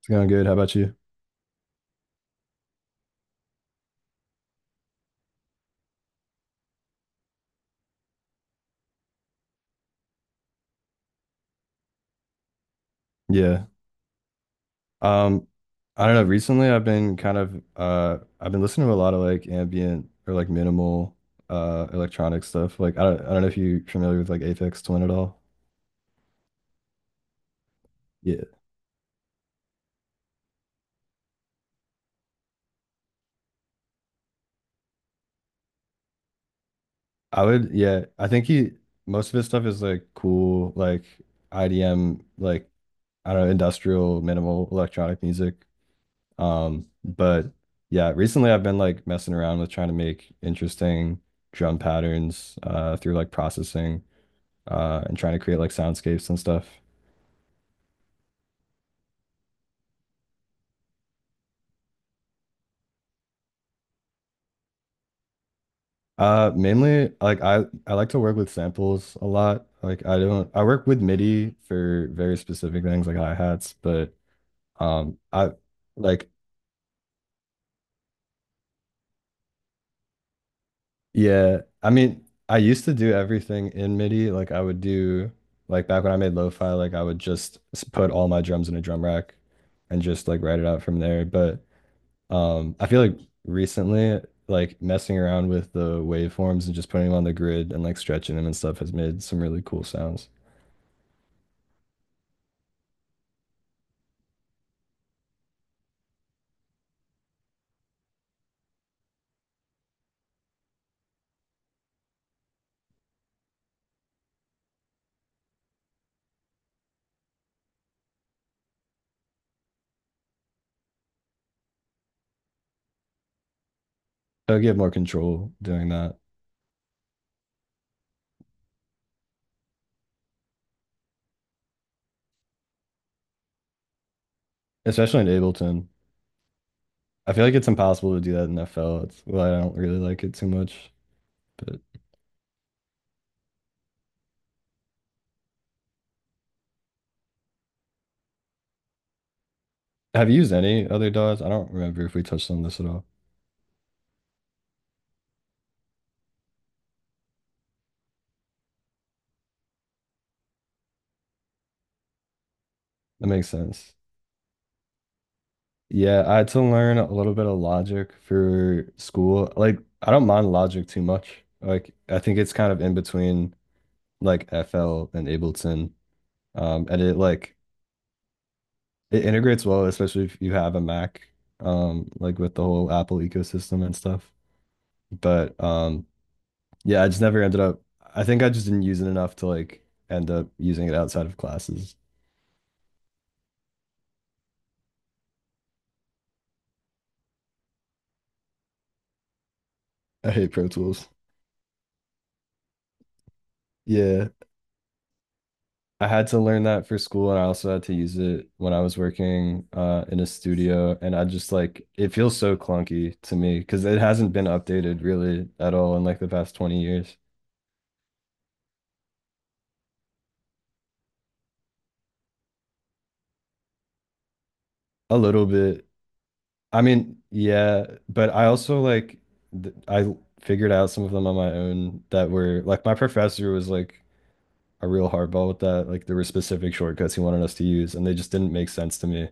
It's going good. How about you? Yeah. Um, I don't know. Recently, I've been I've been listening to a lot of like ambient or like minimal electronic stuff. Like I don't know if you're familiar with like Aphex Twin at all. Yeah, I would. Yeah, I think he most of his stuff is like cool, like IDM, like I don't know, industrial minimal electronic music. But yeah, recently I've been like messing around with trying to make interesting drum patterns through like processing. And trying to create like soundscapes and stuff. Mainly like I like to work with samples a lot. Like I don't I work with MIDI for very specific things like hi-hats, but I like yeah, I mean I used to do everything in MIDI. Like I would do like back when I made lo-fi, like I would just put all my drums in a drum rack and just like write it out from there. But I feel like recently, like messing around with the waveforms and just putting them on the grid and like stretching them and stuff has made some really cool sounds. I get more control doing that, especially in Ableton. I feel like it's impossible to do that in FL. It's well, I don't really like it too much. But have you used any other DAWs? I don't remember if we touched on this at all. That makes sense. Yeah, I had to learn a little bit of Logic for school. Like, I don't mind Logic too much. Like, I think it's kind of in between like FL and Ableton. And it like It integrates well, especially if you have a Mac, like with the whole Apple ecosystem and stuff. But yeah, I just never ended up. I think I just didn't use it enough to like end up using it outside of classes. I hate Pro Tools. Yeah. I had to learn that for school, and I also had to use it when I was working in a studio. And I just like it feels so clunky to me because it hasn't been updated really at all in like the past 20 years. A little bit, I mean, yeah, but I also like th I figured out some of them on my own that were like my professor was like a real hardball with that. Like there were specific shortcuts he wanted us to use and they just didn't make sense to me.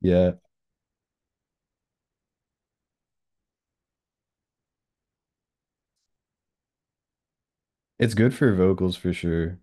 Yeah. It's good for vocals for sure.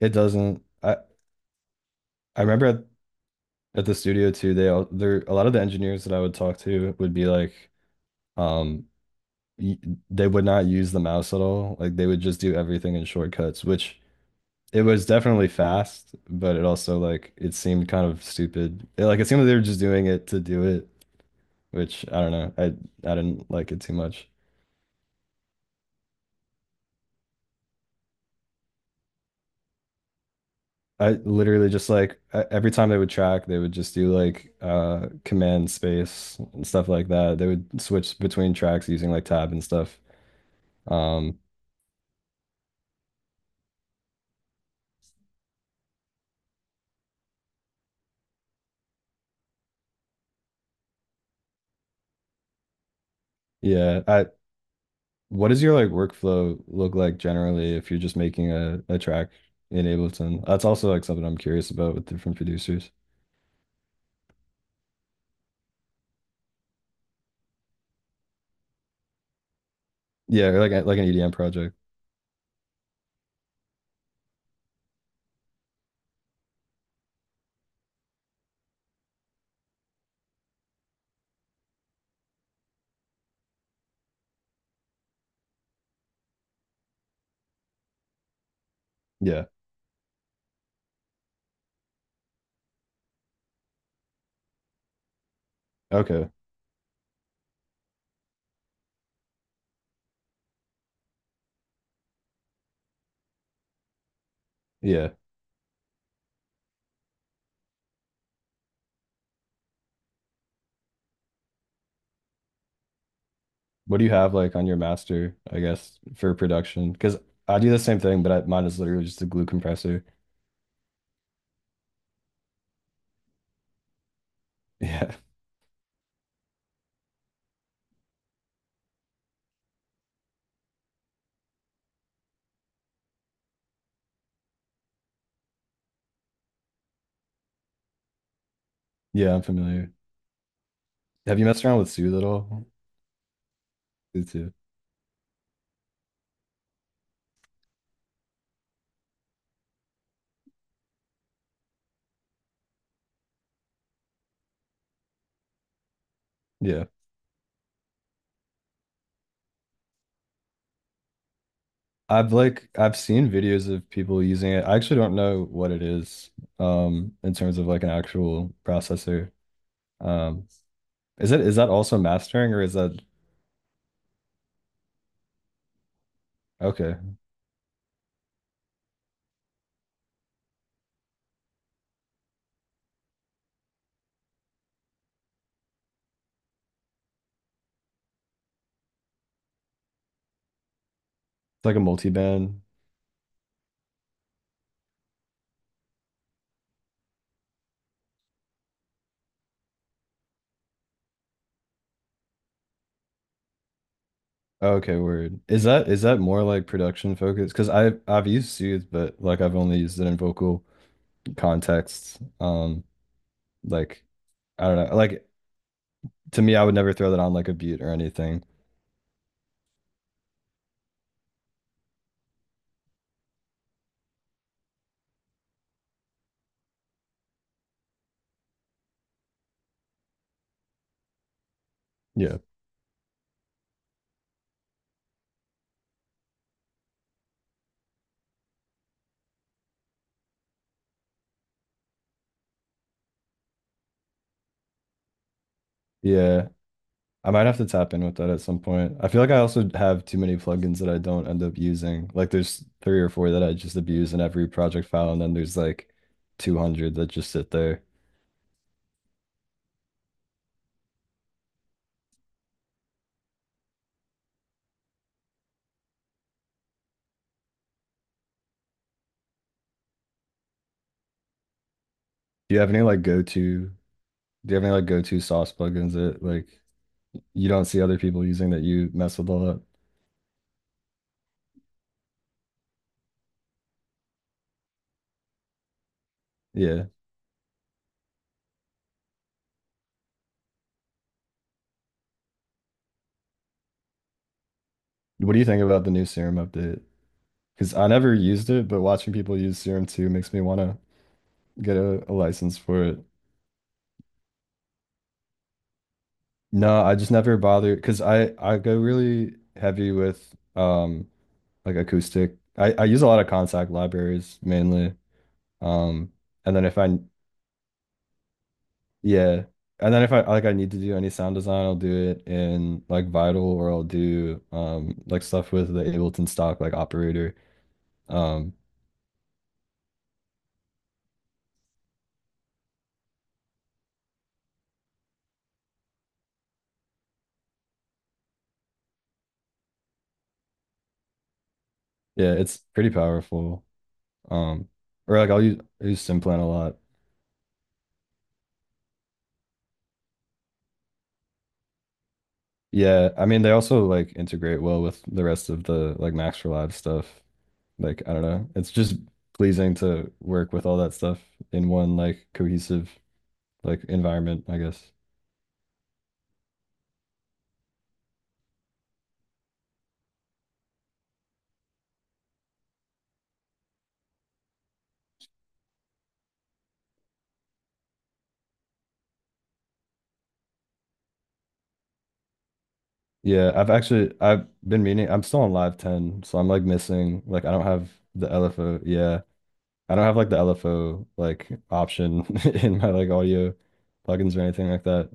It doesn't I remember at the studio too, they all there a lot of the engineers that I would talk to would be like um y- they would not use the mouse at all. Like they would just do everything in shortcuts, which it was definitely fast, but it also like it seemed kind of stupid. It seemed like they were just doing it to do it, which I don't know. I didn't like it too much. I literally just like every time they would track, they would just do like command space and stuff like that. They would switch between tracks using like tab and stuff. Um yeah, I What does your like workflow look like generally if you're just making a track in Ableton? That's also like something I'm curious about with different producers. Yeah, or like like an EDM project. Yeah. Okay. Yeah. What do you have like on your master, I guess, for production? Because I do the same thing, but I, mine is literally just a glue compressor. Yeah. Yeah, I'm familiar. Have you messed around with Sue at all? Me too. Yeah. I've seen videos of people using it. I actually don't know what it is, in terms of like an actual processor. Um, is that also mastering or is that okay? It's like a multi-band. Okay, word. Is that more like production focused? Because I've used Soothe, but like I've only used it in vocal contexts. Like I don't know. Like to me, I would never throw that on like a beat or anything. Yeah. Yeah. I might have to tap in with that at some point. I feel like I also have too many plugins that I don't end up using. Like there's three or four that I just abuse in every project file, and then there's like 200 that just sit there. Do you have any like go-to? Do you have any like go-to sauce plugins that like you don't see other people using that you mess with all that. Yeah. What do you think about the new Serum update? Because I never used it, but watching people use Serum 2 makes me want to get a license for it. No, I just never bother, because I go really heavy with like acoustic. I use a lot of contact libraries mainly. Um and then if I Yeah, and then if I like I need to do any sound design, I'll do it in like Vital or I'll do like stuff with the Ableton stock like operator. Um, Yeah, it's pretty powerful. Um, or I use Simplan a lot. Yeah, I mean they also like integrate well with the rest of the like Max for Live stuff. Like I don't know, it's just pleasing to work with all that stuff in one like cohesive like environment, I guess. Yeah, I've been meaning. I'm still on Live 10, so I'm like missing like I don't have the LFO. Yeah, I don't have like the LFO like option in my like audio plugins or anything like that.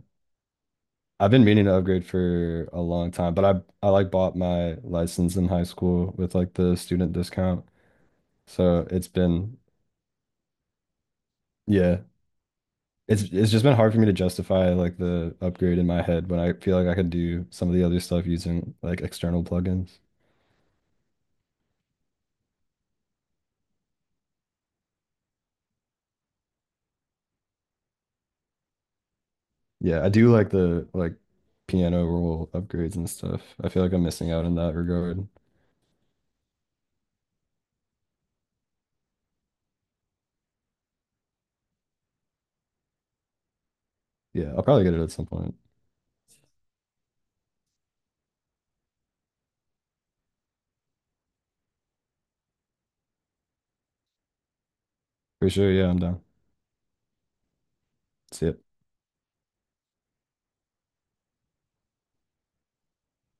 I've been meaning to upgrade for a long time, but I like bought my license in high school with like the student discount. So it's been yeah, it's just been hard for me to justify like the upgrade in my head when I feel like I could do some of the other stuff using like external plugins. Yeah, I do like the piano roll upgrades and stuff. I feel like I'm missing out in that regard. Yeah, I'll probably get it at some point. For sure, yeah, I'm down. See ya.